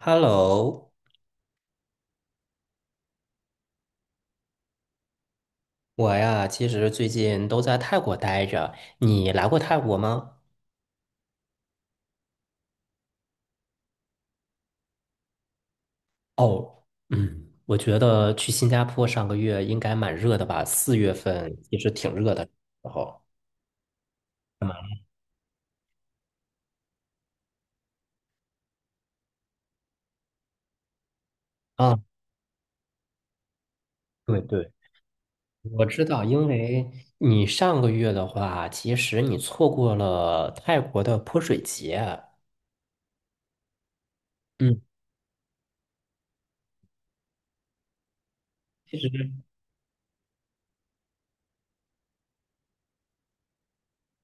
Hello，我呀，其实最近都在泰国待着。你来过泰国吗？哦，嗯，我觉得去新加坡上个月应该蛮热的吧，四月份也是挺热的时候。嗯啊，对对，我知道，因为你上个月的话，其实你错过了泰国的泼水节。嗯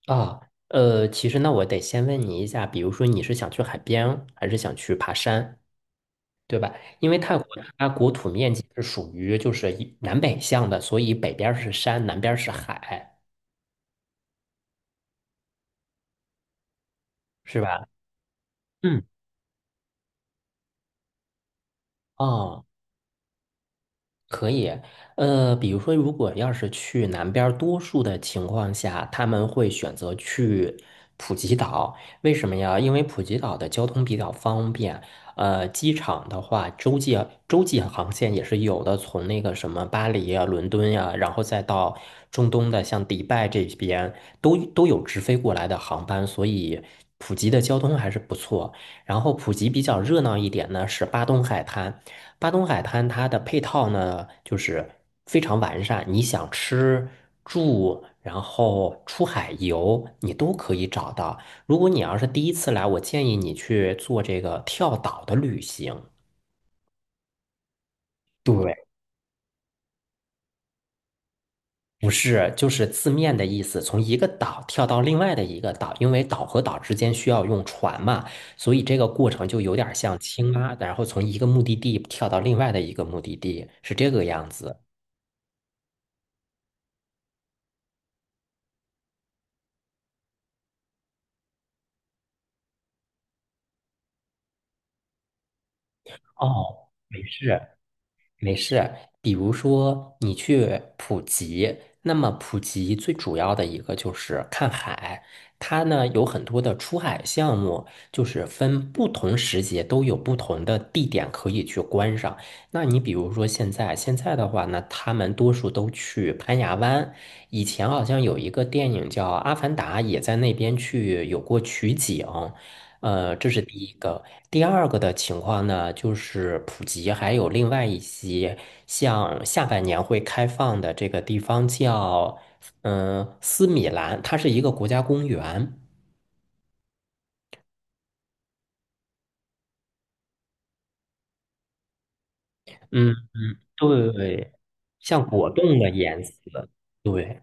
啊，其实那我得先问你一下，比如说你是想去海边，还是想去爬山？对吧？因为泰国它国土面积是属于就是一南北向的，所以北边儿是山，南边儿是海，是吧？嗯，哦，可以，比如说，如果要是去南边儿多数的情况下，他们会选择去普吉岛。为什么呀？因为普吉岛的交通比较方便，机场的话，洲际航线也是有的，从那个什么巴黎啊、伦敦呀、然后再到中东的像迪拜这边，都有直飞过来的航班，所以普吉的交通还是不错。然后普吉比较热闹一点呢是巴东海滩，巴东海滩它的配套呢就是非常完善，你想吃住，然后出海游，你都可以找到。如果你要是第一次来，我建议你去做这个跳岛的旅行。对，不是，就是字面的意思，从一个岛跳到另外的一个岛，因为岛和岛之间需要用船嘛，所以这个过程就有点像青蛙，然后从一个目的地跳到另外的一个目的地，是这个样子。哦，没事。没事，比如说你去普吉，那么普吉最主要的一个就是看海，它呢有很多的出海项目，就是分不同时节都有不同的地点可以去观赏。那你比如说现在的话呢，他们多数都去攀牙湾，以前好像有一个电影叫《阿凡达》，也在那边去有过取景。这是第一个。第二个的情况呢，就是普及还有另外一些，像下半年会开放的这个地方叫，斯米兰，它是一个国家公园。嗯，对，像果冻的颜色，对。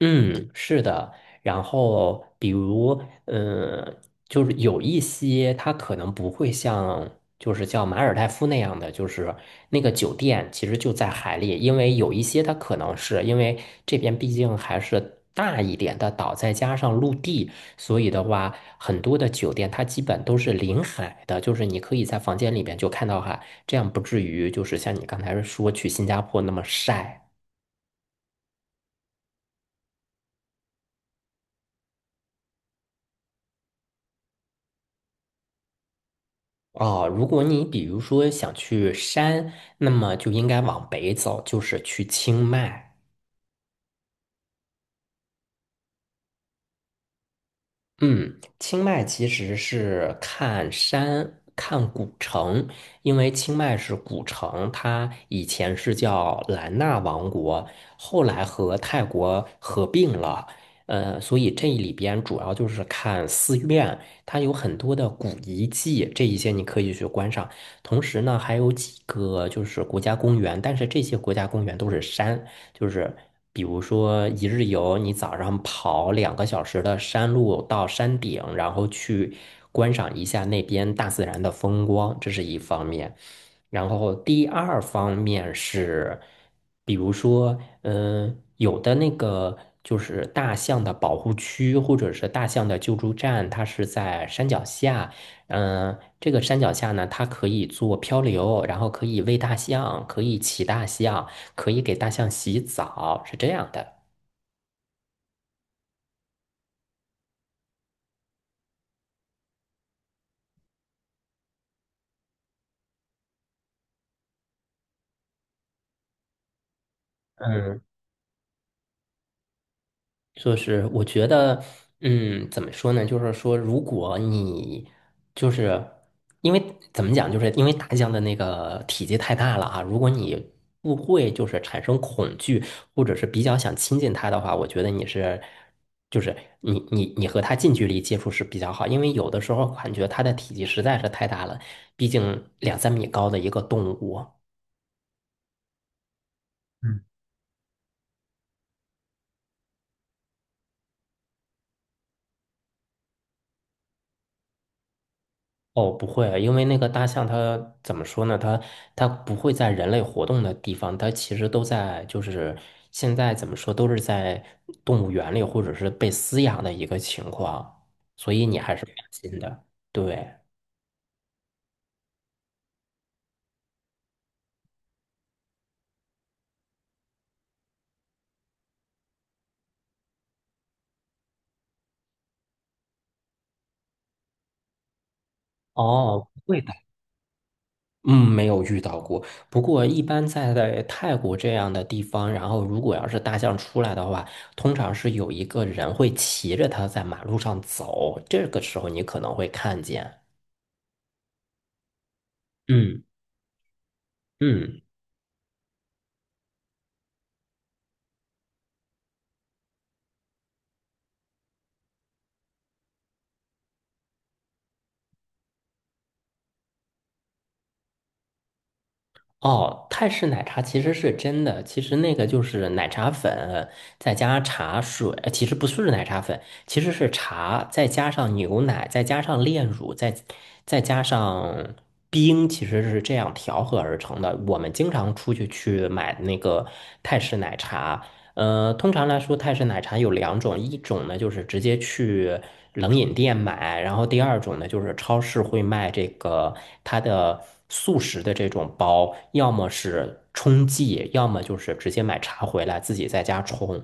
嗯，是的。然后，比如，就是有一些它可能不会像，就是叫马尔代夫那样的，就是那个酒店其实就在海里，因为有一些它可能是因为这边毕竟还是大一点的岛，再加上陆地，所以的话，很多的酒店它基本都是临海的，就是你可以在房间里边就看到海，这样不至于就是像你刚才说去新加坡那么晒。啊，如果你比如说想去山，那么就应该往北走，就是去清迈。嗯，清迈其实是看山、看古城，因为清迈是古城，它以前是叫兰纳王国，后来和泰国合并了。所以这里边主要就是看寺院，它有很多的古遗迹，这一些你可以去观赏。同时呢，还有几个就是国家公园，但是这些国家公园都是山，就是比如说一日游，你早上跑2个小时的山路到山顶，然后去观赏一下那边大自然的风光，这是一方面。然后第二方面是，比如说，有的那个就是大象的保护区或者是大象的救助站，它是在山脚下。嗯，这个山脚下呢，它可以做漂流，然后可以喂大象，可以骑大象，可以给大象洗澡，是这样的。嗯。就是我觉得，怎么说呢？就是说，如果你就是因为怎么讲，就是因为大象的那个体积太大了啊，如果你不会就是产生恐惧，或者是比较想亲近它的话，我觉得你是。就是你和它近距离接触是比较好，因为有的时候感觉它的体积实在是太大了，毕竟两三米高的一个动物。哦，不会啊，因为那个大象它怎么说呢？它不会在人类活动的地方，它其实都在，就是现在怎么说，都是在动物园里或者是被饲养的一个情况，所以你还是放心的。对，哦，不会的，嗯，没有遇到过。不过一般在泰国这样的地方，然后如果要是大象出来的话，通常是有一个人会骑着它在马路上走，这个时候你可能会看见。嗯嗯。哦，泰式奶茶其实是真的，其实那个就是奶茶粉，再加茶水，其实不是奶茶粉，其实是茶，再加上牛奶，再加上炼乳，再加上冰，其实是这样调和而成的。我们经常出去去买那个泰式奶茶，通常来说，泰式奶茶有两种，一种呢就是直接去冷饮店买，然后第二种呢就是超市会卖这个它的速食的这种包，要么是冲剂，要么就是直接买茶回来自己在家冲。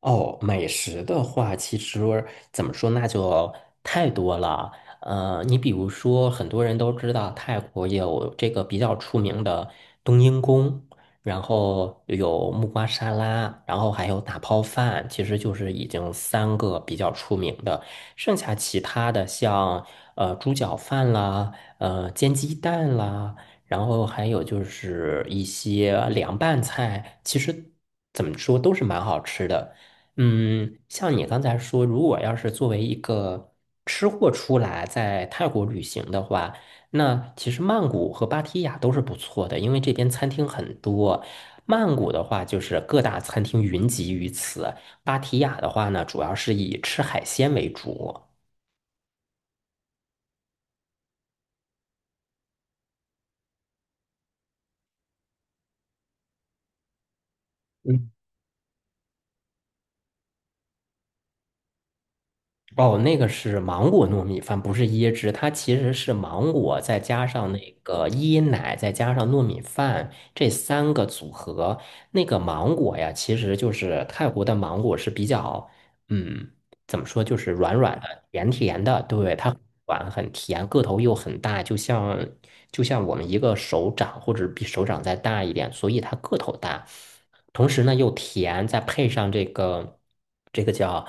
哦，美食的话，其实怎么说，那就太多了。你比如说，很多人都知道泰国有这个比较出名的冬阴功，然后有木瓜沙拉，然后还有打泡饭，其实就是已经三个比较出名的。剩下其他的像猪脚饭啦，煎鸡蛋啦。然后还有就是一些凉拌菜，其实怎么说都是蛮好吃的。嗯，像你刚才说，如果要是作为一个吃货出来在泰国旅行的话，那其实曼谷和芭提雅都是不错的，因为这边餐厅很多。曼谷的话，就是各大餐厅云集于此；芭提雅的话呢，主要是以吃海鲜为主。嗯。哦，那个是芒果糯米饭，不是椰汁，它其实是芒果再加上那个椰奶，再加上糯米饭这三个组合。那个芒果呀，其实就是泰国的芒果是比较，嗯，怎么说，就是软软的、甜甜的，对，它很软很甜，个头又很大，就像我们一个手掌或者比手掌再大一点，所以它个头大。同时呢又甜，再配上这个叫。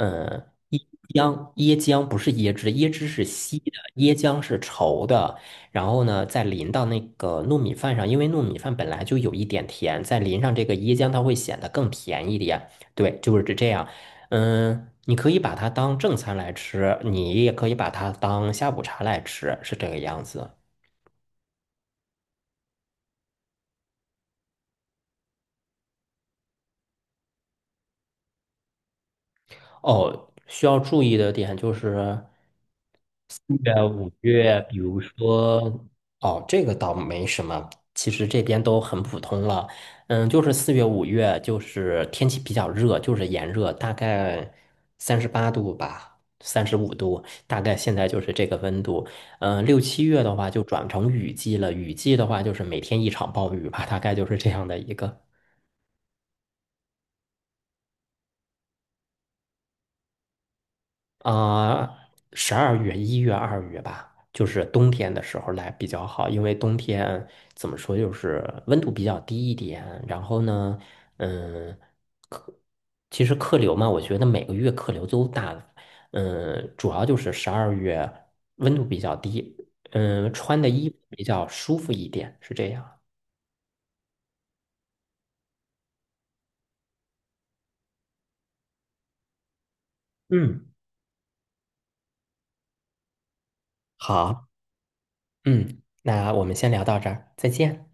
嗯，椰浆，椰浆不是椰汁，椰汁是稀的，椰浆是稠的。然后呢，再淋到那个糯米饭上，因为糯米饭本来就有一点甜，再淋上这个椰浆，它会显得更甜一点。对，就是这样。嗯，你可以把它当正餐来吃，你也可以把它当下午茶来吃，是这个样子。哦，需要注意的点就是。四月、五月，比如说，哦，这个倒没什么，其实这边都很普通了。嗯，就是四月、五月，就是天气比较热，就是炎热，大概38度吧，35度，大概现在就是这个温度。嗯，6、7月的话就转成雨季了，雨季的话就是每天一场暴雨吧，大概就是这样的一个。啊，十二月、1月、二月吧，就是冬天的时候来比较好，因为冬天怎么说，就是温度比较低一点。然后呢，嗯，其实客流嘛，我觉得每个月客流都大，嗯，主要就是十二月温度比较低，嗯，穿的衣服比较舒服一点，是这样。嗯，好，嗯，那我们先聊到这儿，再见。